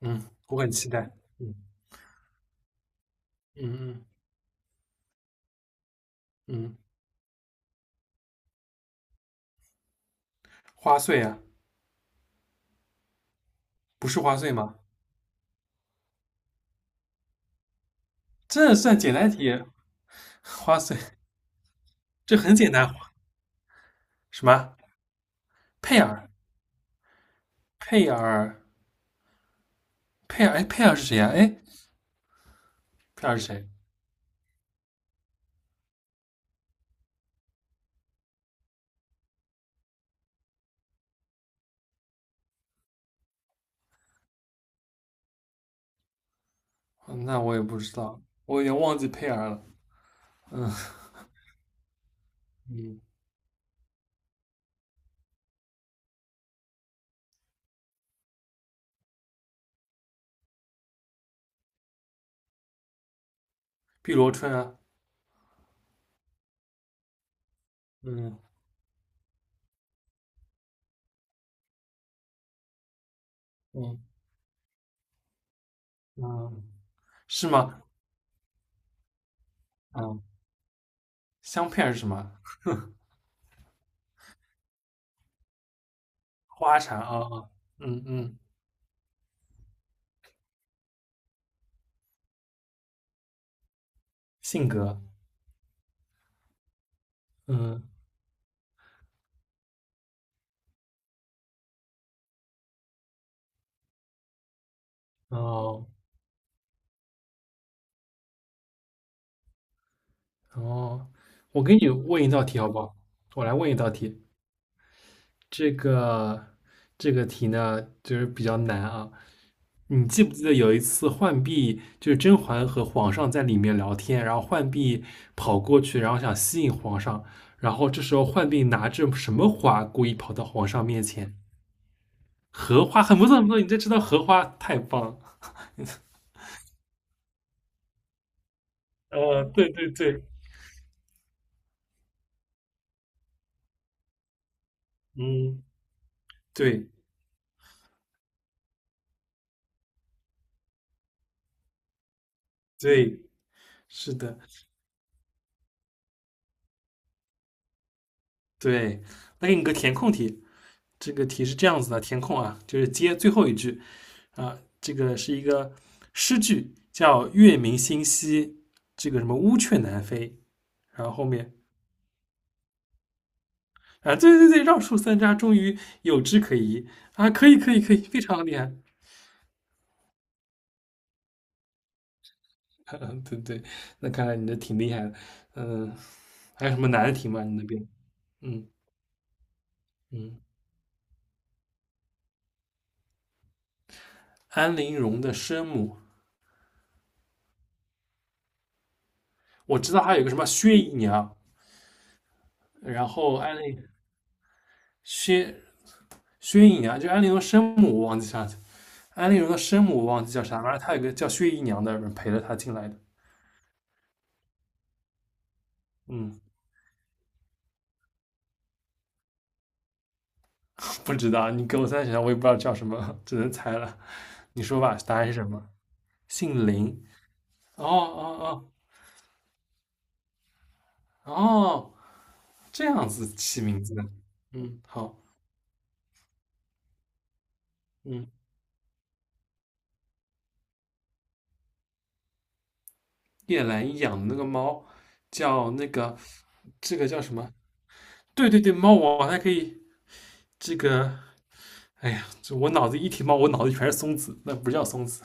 嗯，我很期待。嗯嗯嗯嗯，花穗啊，不是花穗吗？这算简单题，花穗这很简单。什么？佩尔？佩尔？佩尔？哎，佩尔是谁呀、哎，佩尔是谁？嗯那我也不知道，我有点忘记佩尔了。嗯嗯，碧螺春啊，嗯嗯嗯，是吗？嗯，香佩尔是什么？花茶啊啊，嗯嗯，性格，嗯哦。哦，我给你问一道题好不好？我来问一道题，这个这个题呢，就是比较难啊。你记不记得有一次浣碧就是甄嬛和皇上在里面聊天，然后浣碧跑过去，然后想吸引皇上，然后这时候浣碧拿着什么花故意跑到皇上面前？荷花，很不错，很不错，你这知道荷花太棒了。对对对，嗯，对对，是的，对。那给你个填空题，这个题是这样子的，填空啊，就是接最后一句啊，这个是一个诗句，叫“月明星稀，这个什么乌鹊南飞”，然后后面啊，对对对，绕树三匝，终于有枝可依啊，可以可以可以，非常厉害，对对，那看来你这挺厉害的，嗯，还有什么难的题吗？你那边？嗯嗯，安陵容的生母，我知道还有一个什么薛姨娘，然后安陵薛薛姨娘，就安陵容生母，我忘记啥去安陵容的生母我忘记叫啥，反正她有个叫薛姨娘的人陪着她进来的。嗯，不知道，你给我三想想，我也不知道叫什么，只能猜了。你说吧，答案是什么？姓林。哦哦哦哦，这样子起名字的。嗯，好。嗯，叶澜依养的那个猫叫那个，这个叫什么？对对对，猫王还可以这个。哎呀，这我脑子一提猫，我脑子全是松子，那不叫松子，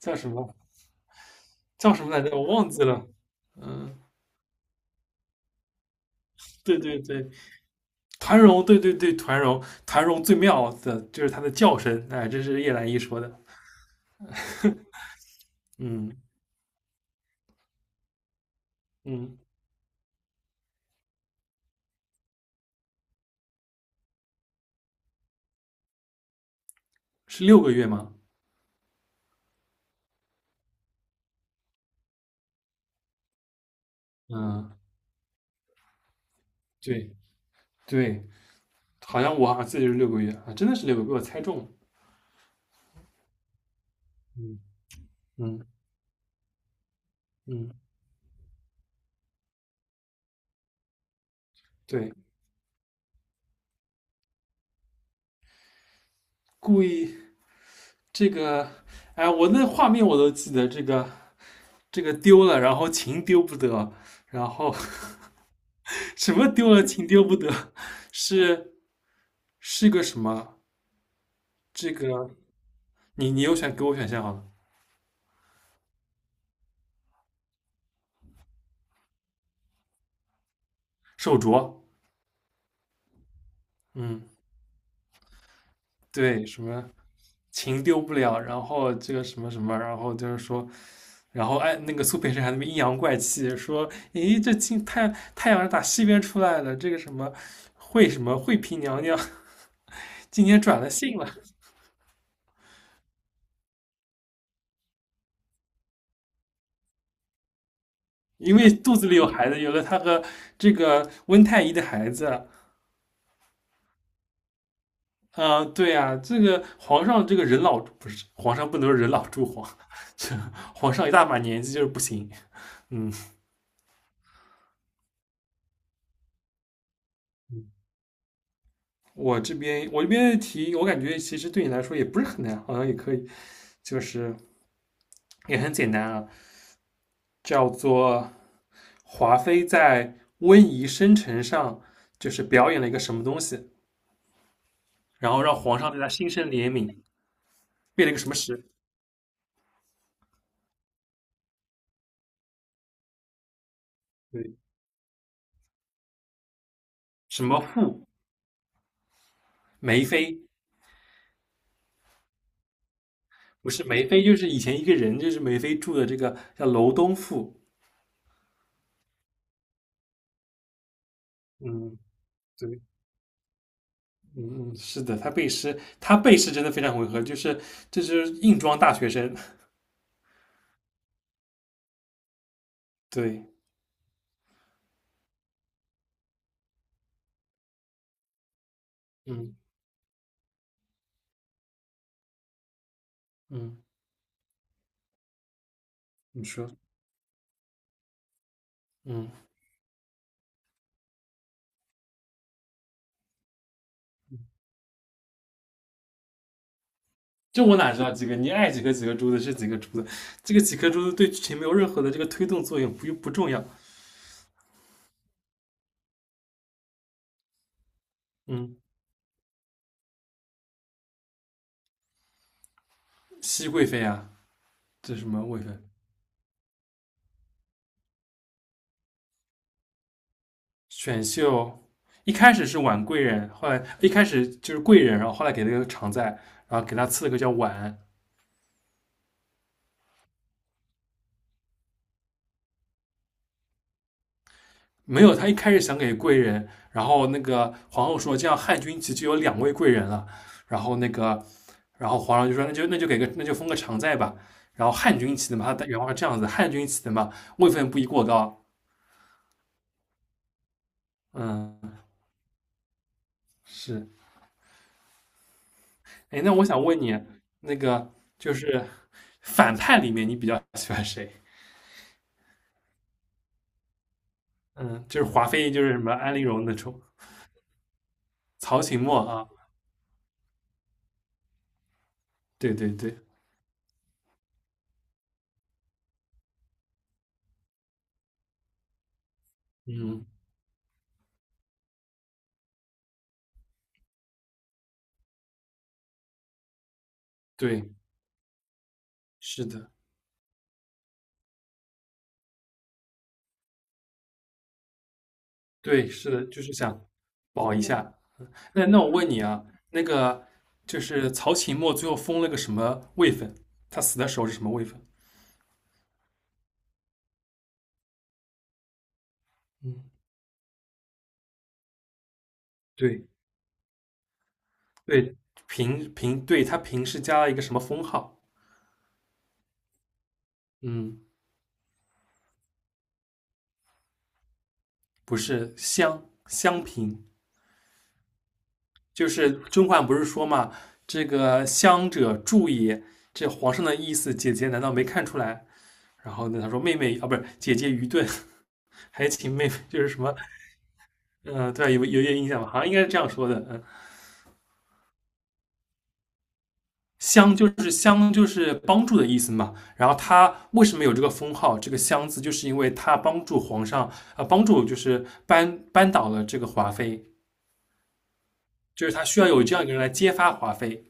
叫什么？叫什么来着？我忘记了。嗯。对对对，团荣，对对对，团荣，团荣最妙的就是它的叫声，哎，这是叶澜依说的，嗯嗯，是六个月吗？嗯，对对，我好像记得是六个月啊，真的是六个月，被我猜中了，嗯嗯嗯，对，故意这个，哎，我那画面我都记得，这个丢了，然后琴丢不得，然后 什么丢了琴丢不得，是是个什么？这个你有选给我选项好了。手镯，嗯对，什么情丢不了，然后这个什么什么，然后就是说，然后哎，那个苏培盛还在那边阴阳怪气说，咦，这今太阳是打西边出来了，这个什么惠嫔娘娘今天转了性了，因为肚子里有孩子，有了她和这个温太医的孩子，啊、对啊，这个皇上这个人老不是皇上不能人老珠黄，这皇上一大把年纪就是不行，嗯我这边的题，我感觉其实对你来说也不是很难，好像也可以，就是也很简单啊，叫做华妃在温宜生辰上就是表演了一个什么东西，然后让皇上对她心生怜悯，背了一个什么诗？对，什么赋？梅妃不是梅妃，就是以前一个人，就是梅妃住的这个叫楼东赋。嗯，对，嗯嗯，是的，他背诗，他背诗真的非常违和，就是这就是硬装大学生。对，嗯嗯。你说，嗯，这我哪知道几个？你爱几个几个珠子是几个珠子，这个几颗珠子对剧情没有任何的这个推动作用，不重要。嗯，熹贵妃啊，这是什么贵妃？选秀一开始是婉贵人，后来一开始就是贵人，然后后来给了个常在，然后给他赐了个叫婉，没有，他一开始想给贵人，然后那个皇后说这样汉军旗就有两位贵人了，然后那个，然后皇上就说那就封个常在吧。然后汉军旗的嘛，他原话是这样子，汉军旗的嘛，位分不宜过高。嗯，是。哎，那我想问你，那个就是反派里面你比较喜欢谁？嗯，就是华妃，就是什么安陵容那种，曹琴墨啊，对对对，嗯，对，是的，对，是的，就是想保一下。那我问你啊，那个就是曹琴墨最后封了个什么位分？他死的时候是什么位分？嗯，对对，嫔嫔，对他嫔是加了一个什么封号？嗯，不是襄嫔，就是甄嬛不是说嘛，这个襄者助也，这皇上的意思，姐姐难道没看出来？然后呢，他说妹妹啊，不是姐姐愚钝，还请妹妹就是什么，嗯、对吧有点印象吧？好像应该是这样说的，嗯。相就是帮助的意思嘛。然后他为什么有这个封号？这个相字，就是因为他帮助皇上啊帮助就是扳倒了这个华妃，就是他需要有这样一个人来揭发华妃。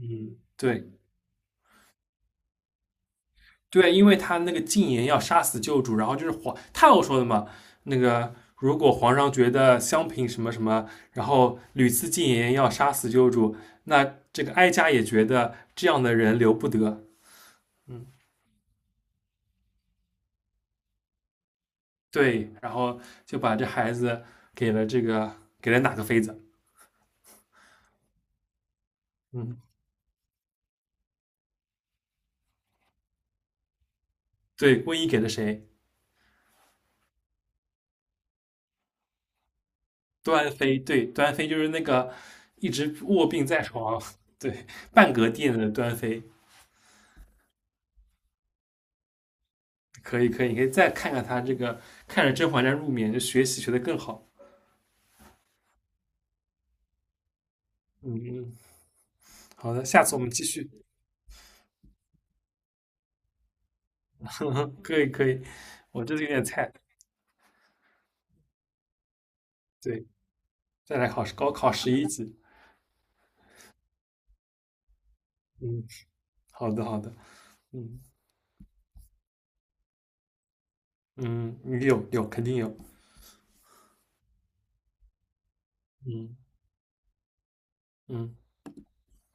嗯，对对，因为他那个禁言要杀死旧主，然后就是皇太后说的嘛，那个。如果皇上觉得襄平什么什么，然后屡次进言要杀死旧主，那这个哀家也觉得这样的人留不得。嗯，对，然后就把这孩子给了这个给了哪个妃子？嗯，对，温宜给了谁？端妃，对，端妃就是那个一直卧病在床，对，半格殿的端妃。可以，可以，你可以再看看他这个，看着《甄嬛传》入眠，就学习学得更好。嗯嗯，好的，下次我们继续。可以，可以，我这里有点菜，对，再来考试，高考11级。嗯，好的，好的，嗯嗯，有有，肯定有。嗯嗯。